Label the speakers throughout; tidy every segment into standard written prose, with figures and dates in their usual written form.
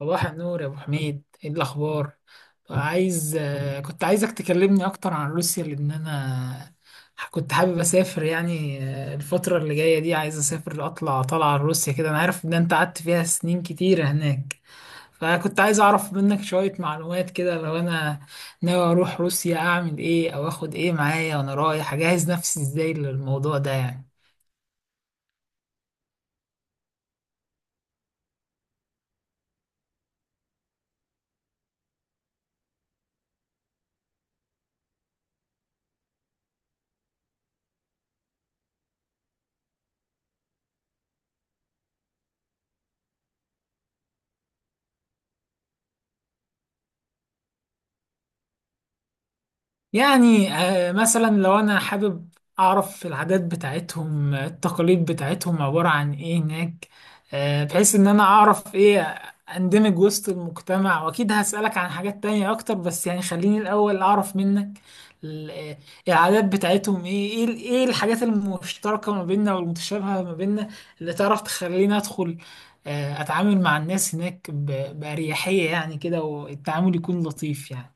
Speaker 1: صباح النور يا ابو حميد، ايه الاخبار؟ عايز كنت عايزك تكلمني اكتر عن روسيا لان انا كنت حابب اسافر، الفتره اللي جايه دي عايز اسافر اطلع طالعه على روسيا كده. انا عارف ان انت قعدت فيها سنين كتيره هناك، فكنت عايز اعرف منك شويه معلومات كده. لو انا ناوي اروح روسيا اعمل ايه او اخد ايه معايا وانا رايح؟ اجهز نفسي ازاي للموضوع ده يعني؟ مثلا لو انا حابب اعرف العادات بتاعتهم، التقاليد بتاعتهم عبارة عن ايه هناك، بحيث ان انا اعرف ايه. اندمج وسط المجتمع، واكيد هسألك عن حاجات تانية اكتر، بس يعني خليني الاول اعرف منك ال- آه، العادات بتاعتهم ايه، ايه الحاجات المشتركة ما بيننا والمتشابهة ما بيننا اللي تعرف تخليني ادخل اتعامل مع الناس هناك بأريحية يعني كده، والتعامل يكون لطيف يعني.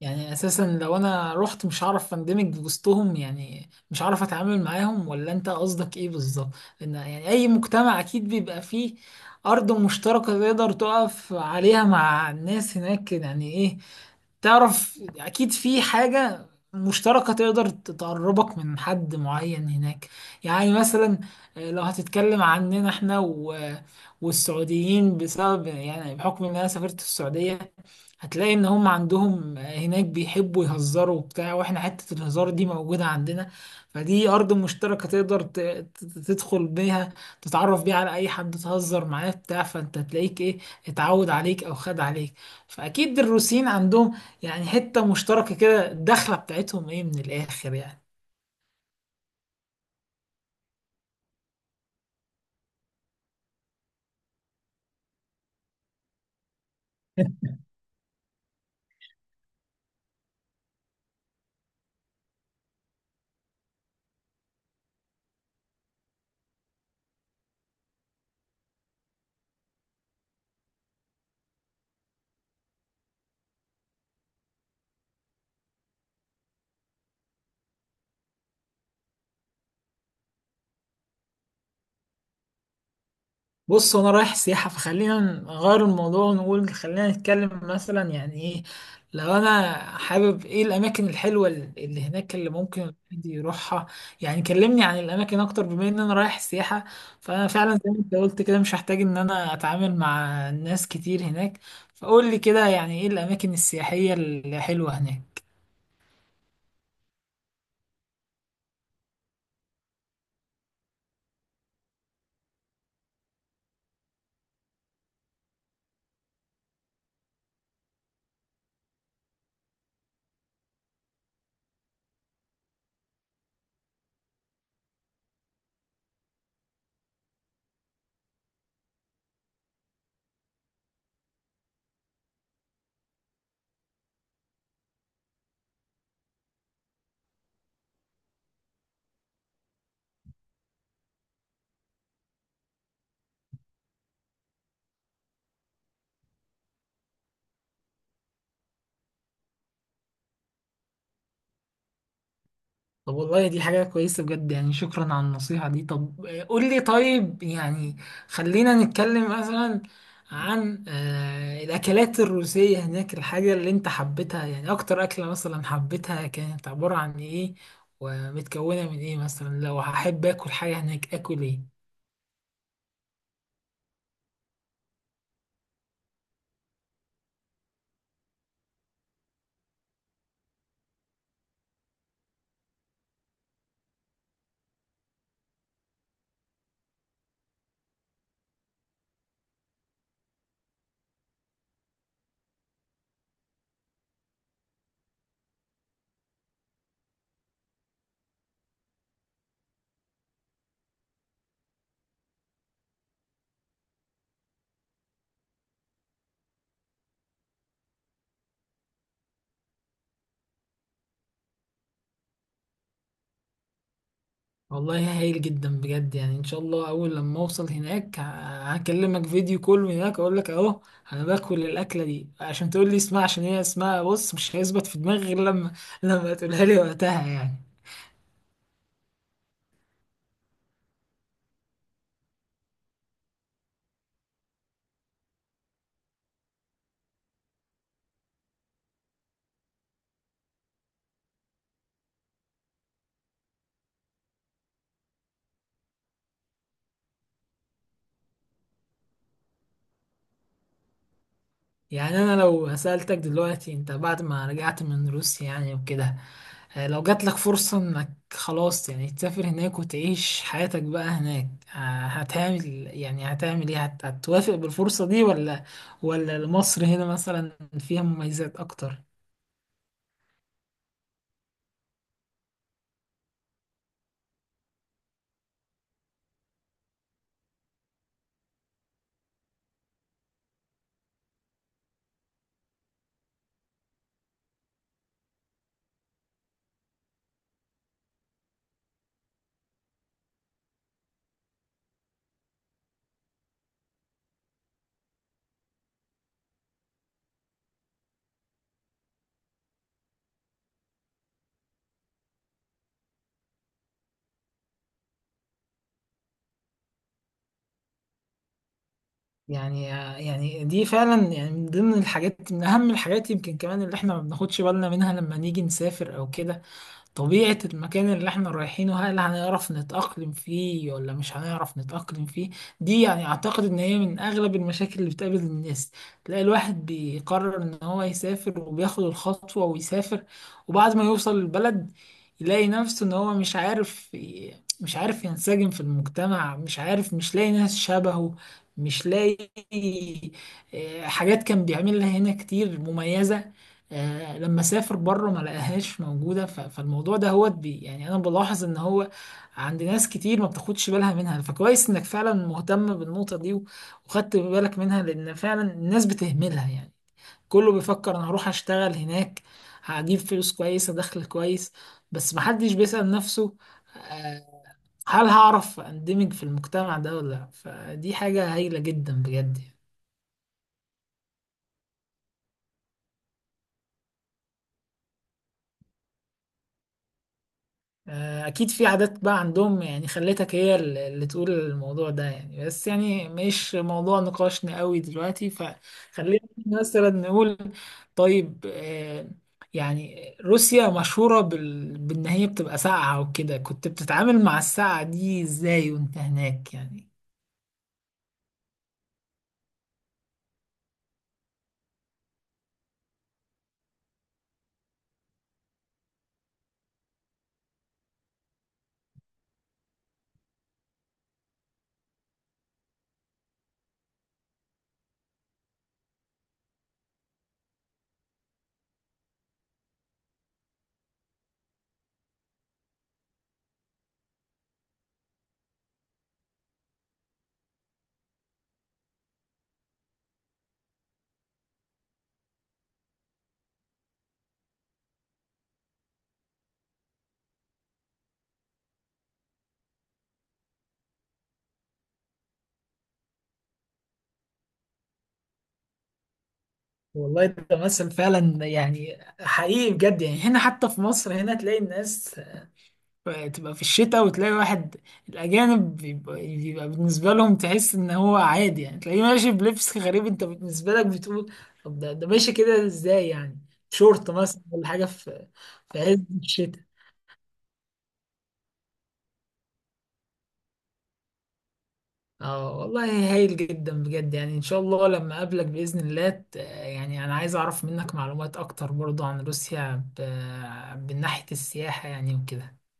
Speaker 1: يعني اساسا لو انا رحت مش هعرف اندمج وسطهم؟ يعني مش هعرف اتعامل معاهم؟ ولا انت قصدك ايه بالظبط؟ لان يعني اي مجتمع اكيد بيبقى فيه ارض مشتركة تقدر تقف عليها مع الناس هناك. يعني ايه، تعرف اكيد في حاجة مشتركة تقدر تقربك من حد معين هناك. يعني مثلا لو هتتكلم عننا احنا والسعوديين، بسبب يعني بحكم ان انا سافرت السعودية، هتلاقي ان هم عندهم هناك بيحبوا يهزروا وبتاع، واحنا حتة الهزار دي موجودة عندنا. فدي ارض مشتركة تقدر تدخل بيها، تتعرف بيها على اي حد، تهزر معاه بتاع فانت تلاقيك ايه، اتعود عليك او خد عليك. فاكيد الروسيين عندهم يعني حتة مشتركة كده. الدخلة بتاعتهم ايه من الآخر يعني؟ بص انا رايح سياحة، فخلينا نغير الموضوع ونقول خلينا نتكلم مثلا يعني ايه. لو انا حابب، ايه الاماكن الحلوة اللي هناك اللي ممكن الواحد يروحها؟ يعني كلمني عن الاماكن اكتر، بما ان انا رايح سياحة فانا فعلا زي ما انت قلت كده مش هحتاج ان انا اتعامل مع ناس كتير هناك. فقول لي كده، يعني ايه الاماكن السياحية الحلوة هناك؟ طب والله دي حاجة كويسة بجد، يعني شكرا على النصيحة دي. طب قول لي طيب، يعني خلينا نتكلم مثلا عن الأكلات الروسية هناك. الحاجة اللي أنت حبيتها، يعني أكتر أكلة مثلا حبيتها، كانت عبارة عن إيه ومتكونة من إيه؟ مثلا لو هحب آكل حاجة هناك آكل إيه؟ والله هايل جدا بجد، يعني ان شاء الله اول لما اوصل هناك هكلمك فيديو كول من هناك اقول لك اهو انا باكل الاكله دي عشان تقول لي اسمها، عشان هي اسمها بص مش هيثبت في دماغي غير لما لما تقولها لي وقتها يعني. يعني انا لو سألتك دلوقتي انت بعد ما رجعت من روسيا يعني وكده، لو جات لك فرصة انك خلاص يعني تسافر هناك وتعيش حياتك بقى هناك، آه، هتعمل يعني هتعمل ايه، هتوافق بالفرصة دي ولا ولا مصر هنا مثلا فيها مميزات اكتر؟ يعني يعني دي فعلا يعني من ضمن الحاجات، من اهم الحاجات يمكن كمان اللي احنا ما بناخدش بالنا منها لما نيجي نسافر او كده، طبيعة المكان اللي احنا رايحينه. هل هنعرف نتأقلم فيه ولا مش هنعرف نتأقلم فيه؟ دي يعني اعتقد ان هي من اغلب المشاكل اللي بتقابل الناس. تلاقي الواحد بيقرر ان هو يسافر وبياخد الخطوة ويسافر، وبعد ما يوصل البلد يلاقي نفسه ان هو مش عارف ينسجم في المجتمع، مش عارف، مش لاقي ناس شبهه، مش لاقي حاجات كان بيعملها هنا كتير مميزة، لما سافر بره ما لقاهاش موجودة. فالموضوع ده هو بي يعني أنا بلاحظ إن هو عند ناس كتير ما بتاخدش بالها منها، فكويس إنك فعلا مهتم بالنقطة دي وخدت بالك منها، لأن فعلا الناس بتهملها يعني. كله بيفكر أنا هروح أشتغل هناك، هجيب فلوس كويسة، دخل كويس، بس محدش بيسأل نفسه آه، هل هعرف أندمج في المجتمع ده ولا لأ. فدي حاجة هايلة جدا بجد يعني. اكيد في عادات بقى عندهم يعني خلتك هي اللي تقول الموضوع ده يعني، بس يعني مش موضوع نقاشنا قوي دلوقتي، فخلينا مثلا نقول طيب. يعني روسيا مشهورة بال... بان هي بتبقى ساقعة وكده. كنت بتتعامل مع الساقعة دي ازاي وانت هناك يعني؟ والله ده مثل فعلا يعني حقيقي بجد، يعني هنا حتى في مصر هنا تلاقي الناس فتبقى في الشتاء وتلاقي واحد الأجانب بيبقى بالنسبة لهم تحس إن هو عادي، يعني تلاقيه ماشي بلبس غريب أنت بالنسبة لك بتقول طب ده ماشي كده إزاي يعني؟ شورت مثلا ولا حاجة في في عز الشتاء. اه والله هايل جدا بجد، يعني إن شاء الله لما أقابلك بإذن الله يعني أنا عايز أعرف منك معلومات أكتر برضو عن روسيا ب... من ناحية السياحة يعني وكده